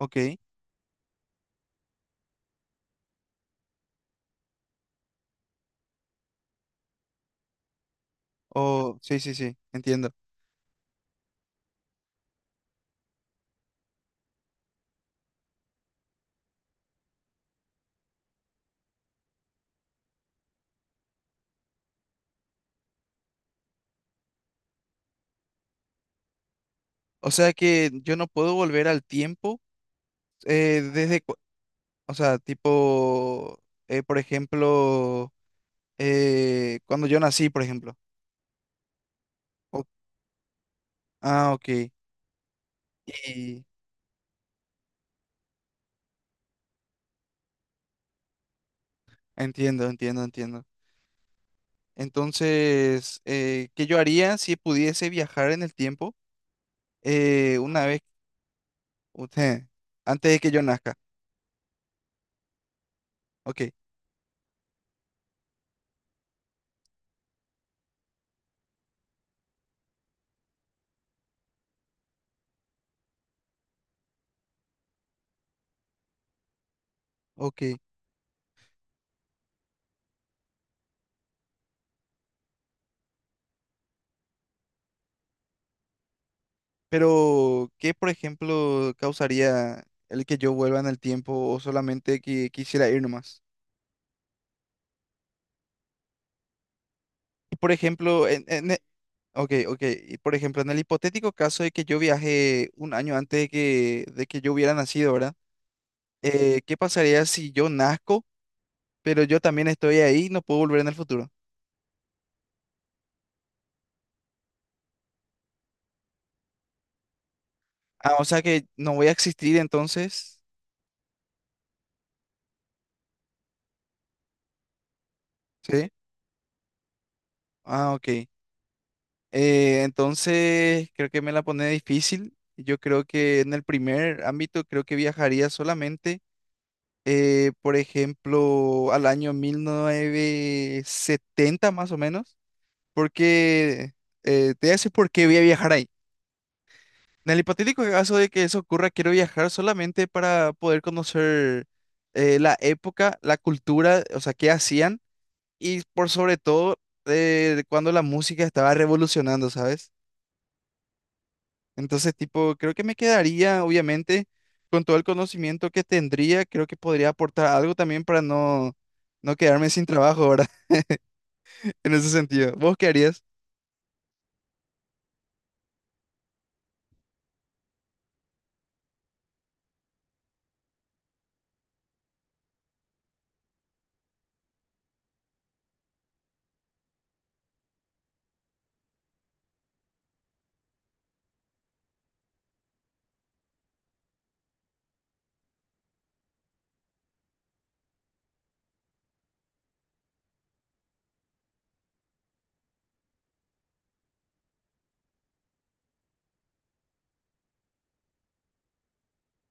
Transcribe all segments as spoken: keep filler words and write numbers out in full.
Ok. Oh, sí, sí, sí, entiendo. O sea que yo no puedo volver al tiempo eh, desde, cu- o sea, tipo, eh, por ejemplo, eh, cuando yo nací, por ejemplo. O- ah, ok. Y entiendo, entiendo, entiendo. Entonces, eh, ¿qué yo haría si pudiese viajar en el tiempo eh, una vez, antes de que yo nazca? Ok, ok. Pero ¿qué, por ejemplo, causaría el que yo vuelva en el tiempo o solamente que quisiera ir nomás? Y, por ejemplo, en, en e- Ok, ok, y, por ejemplo, en el hipotético caso de que yo viaje un año antes de que, de que yo hubiera nacido, ¿verdad? Eh, ¿qué pasaría si yo nazco, pero yo también estoy ahí y no puedo volver en el futuro? Ah, o sea que no voy a existir entonces, ¿sí? Ah, ok. Eh, entonces, creo que me la pone difícil. Yo creo que en el primer ámbito, creo que viajaría solamente, eh, por ejemplo, al año mil novecientos setenta más o menos, porque eh, te voy a decir por qué voy a viajar ahí. En el hipotético caso de que eso ocurra, quiero viajar solamente para poder conocer eh, la época, la cultura, o sea, qué hacían y por sobre todo eh, cuando la música estaba revolucionando, ¿sabes? Entonces, tipo, creo que me quedaría, obviamente, con todo el conocimiento que tendría, creo que podría aportar algo también para no, no quedarme sin trabajo, ¿verdad? En ese sentido. ¿Vos qué harías?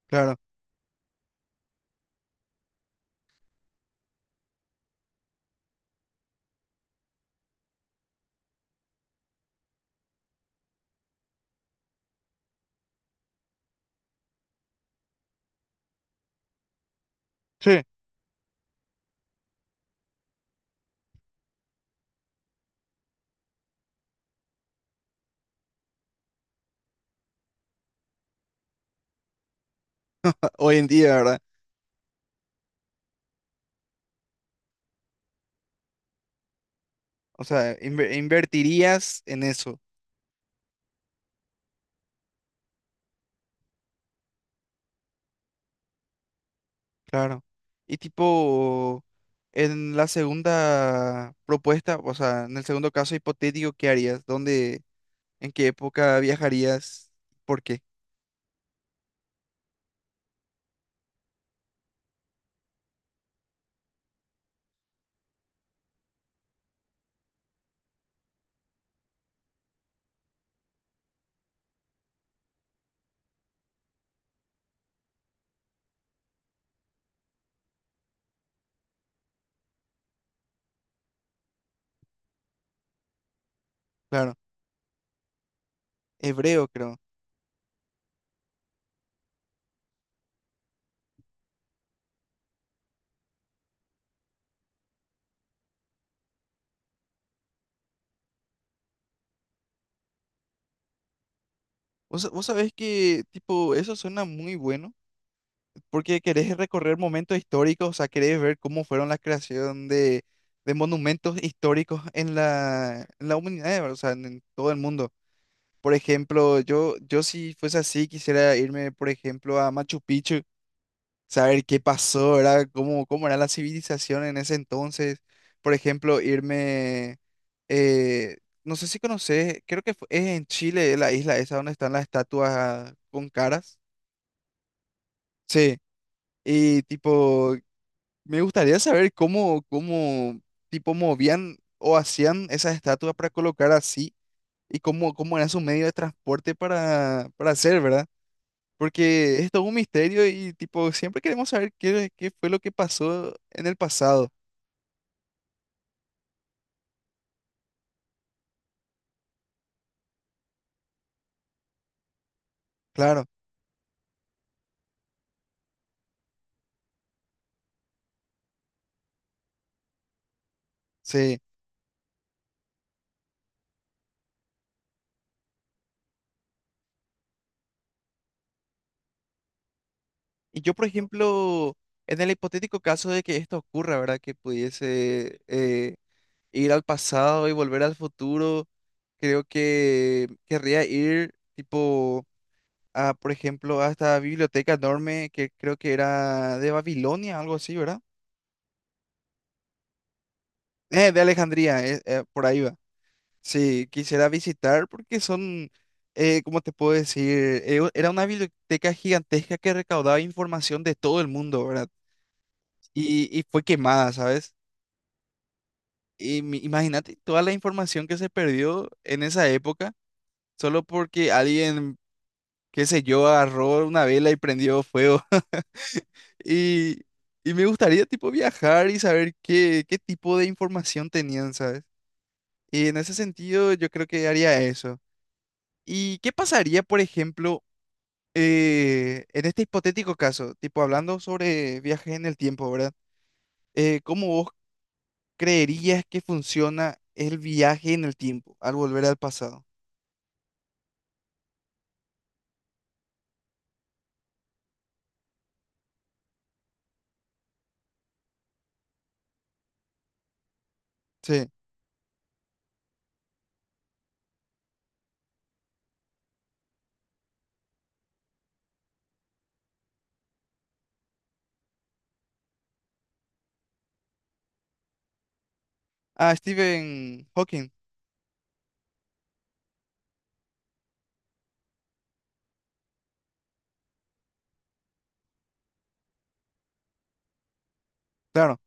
Claro. Sí. Hoy en día, ¿verdad? O sea, inver- invertirías en eso, claro. Y tipo, en la segunda propuesta, o sea, en el segundo caso hipotético, ¿qué harías? ¿Dónde, en qué época viajarías? ¿Por qué? Claro, hebreo, creo. Vos, vos sabés que, tipo, eso suena muy bueno, porque querés recorrer momentos históricos, o sea, querés ver cómo fueron la creación de, de monumentos históricos en la, en la humanidad, ¿verdad? O sea, en, en todo el mundo. Por ejemplo, yo, yo si fuese así, quisiera irme, por ejemplo, a Machu Picchu, saber qué pasó, ¿verdad? ¿Cómo, cómo era la civilización en ese entonces? Por ejemplo, irme, eh, no sé si conoces, creo que fu- es en Chile, la isla esa donde están las estatuas con caras. Sí, y tipo, me gustaría saber cómo, cómo, tipo, movían o hacían esas estatuas para colocar así y cómo, cómo era su medio de transporte para, para hacer, ¿verdad? Porque es todo un misterio y tipo, siempre queremos saber qué, qué fue lo que pasó en el pasado. Claro, sí. Y yo, por ejemplo, en el hipotético caso de que esto ocurra, ¿verdad? Que pudiese eh, ir al pasado y volver al futuro, creo que querría ir tipo a, por ejemplo, a esta biblioteca enorme que creo que era de Babilonia, algo así, ¿verdad? Eh, de Alejandría, eh, eh, por ahí va. Sí, quisiera visitar porque son, eh, ¿cómo te puedo decir? Eh, u- era una biblioteca gigantesca que recaudaba información de todo el mundo, ¿verdad? Y, y fue quemada, ¿sabes? Y mi- imagínate toda la información que se perdió en esa época solo porque alguien, qué sé yo, agarró una vela y prendió fuego. Y, y me gustaría tipo viajar y saber qué, qué tipo de información tenían, ¿sabes? Y en ese sentido yo creo que haría eso. ¿Y qué pasaría, por ejemplo? Eh, en este hipotético caso, tipo hablando sobre viajes en el tiempo, ¿verdad? Eh, ¿cómo vos creerías que funciona el viaje en el tiempo al volver al pasado? Sí. Ah, Stephen Hawking, claro.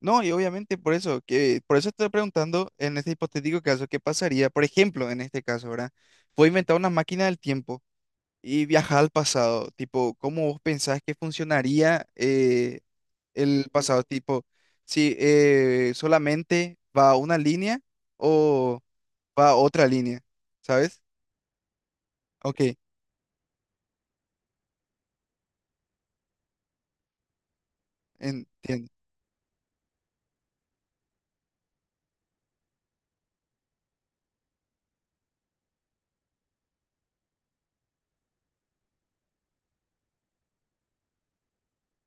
No, y obviamente por eso, que por eso estoy preguntando en este hipotético caso, ¿qué pasaría? Por ejemplo, en este caso, ¿verdad? Fue inventar una máquina del tiempo y viajar al pasado, tipo, ¿cómo vos pensás que funcionaría? eh, el pasado, tipo, si eh, solamente va una línea o va otra línea, ¿sabes? Ok, entiendo.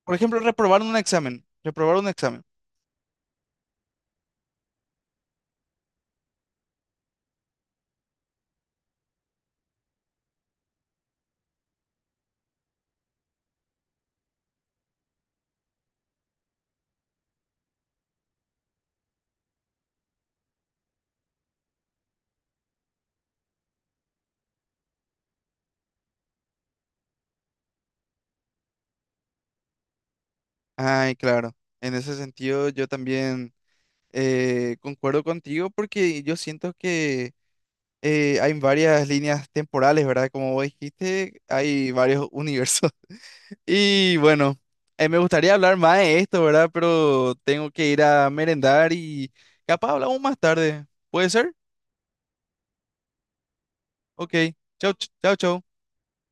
Por ejemplo, reprobar un examen, reprobar un examen. Ay, claro, en ese sentido yo también eh, concuerdo contigo porque yo siento que eh, hay varias líneas temporales, ¿verdad? Como vos dijiste, hay varios universos. Y bueno, eh, me gustaría hablar más de esto, ¿verdad? Pero tengo que ir a merendar y capaz hablamos más tarde. ¿Puede ser? Ok. Chau, ch- chau, chau.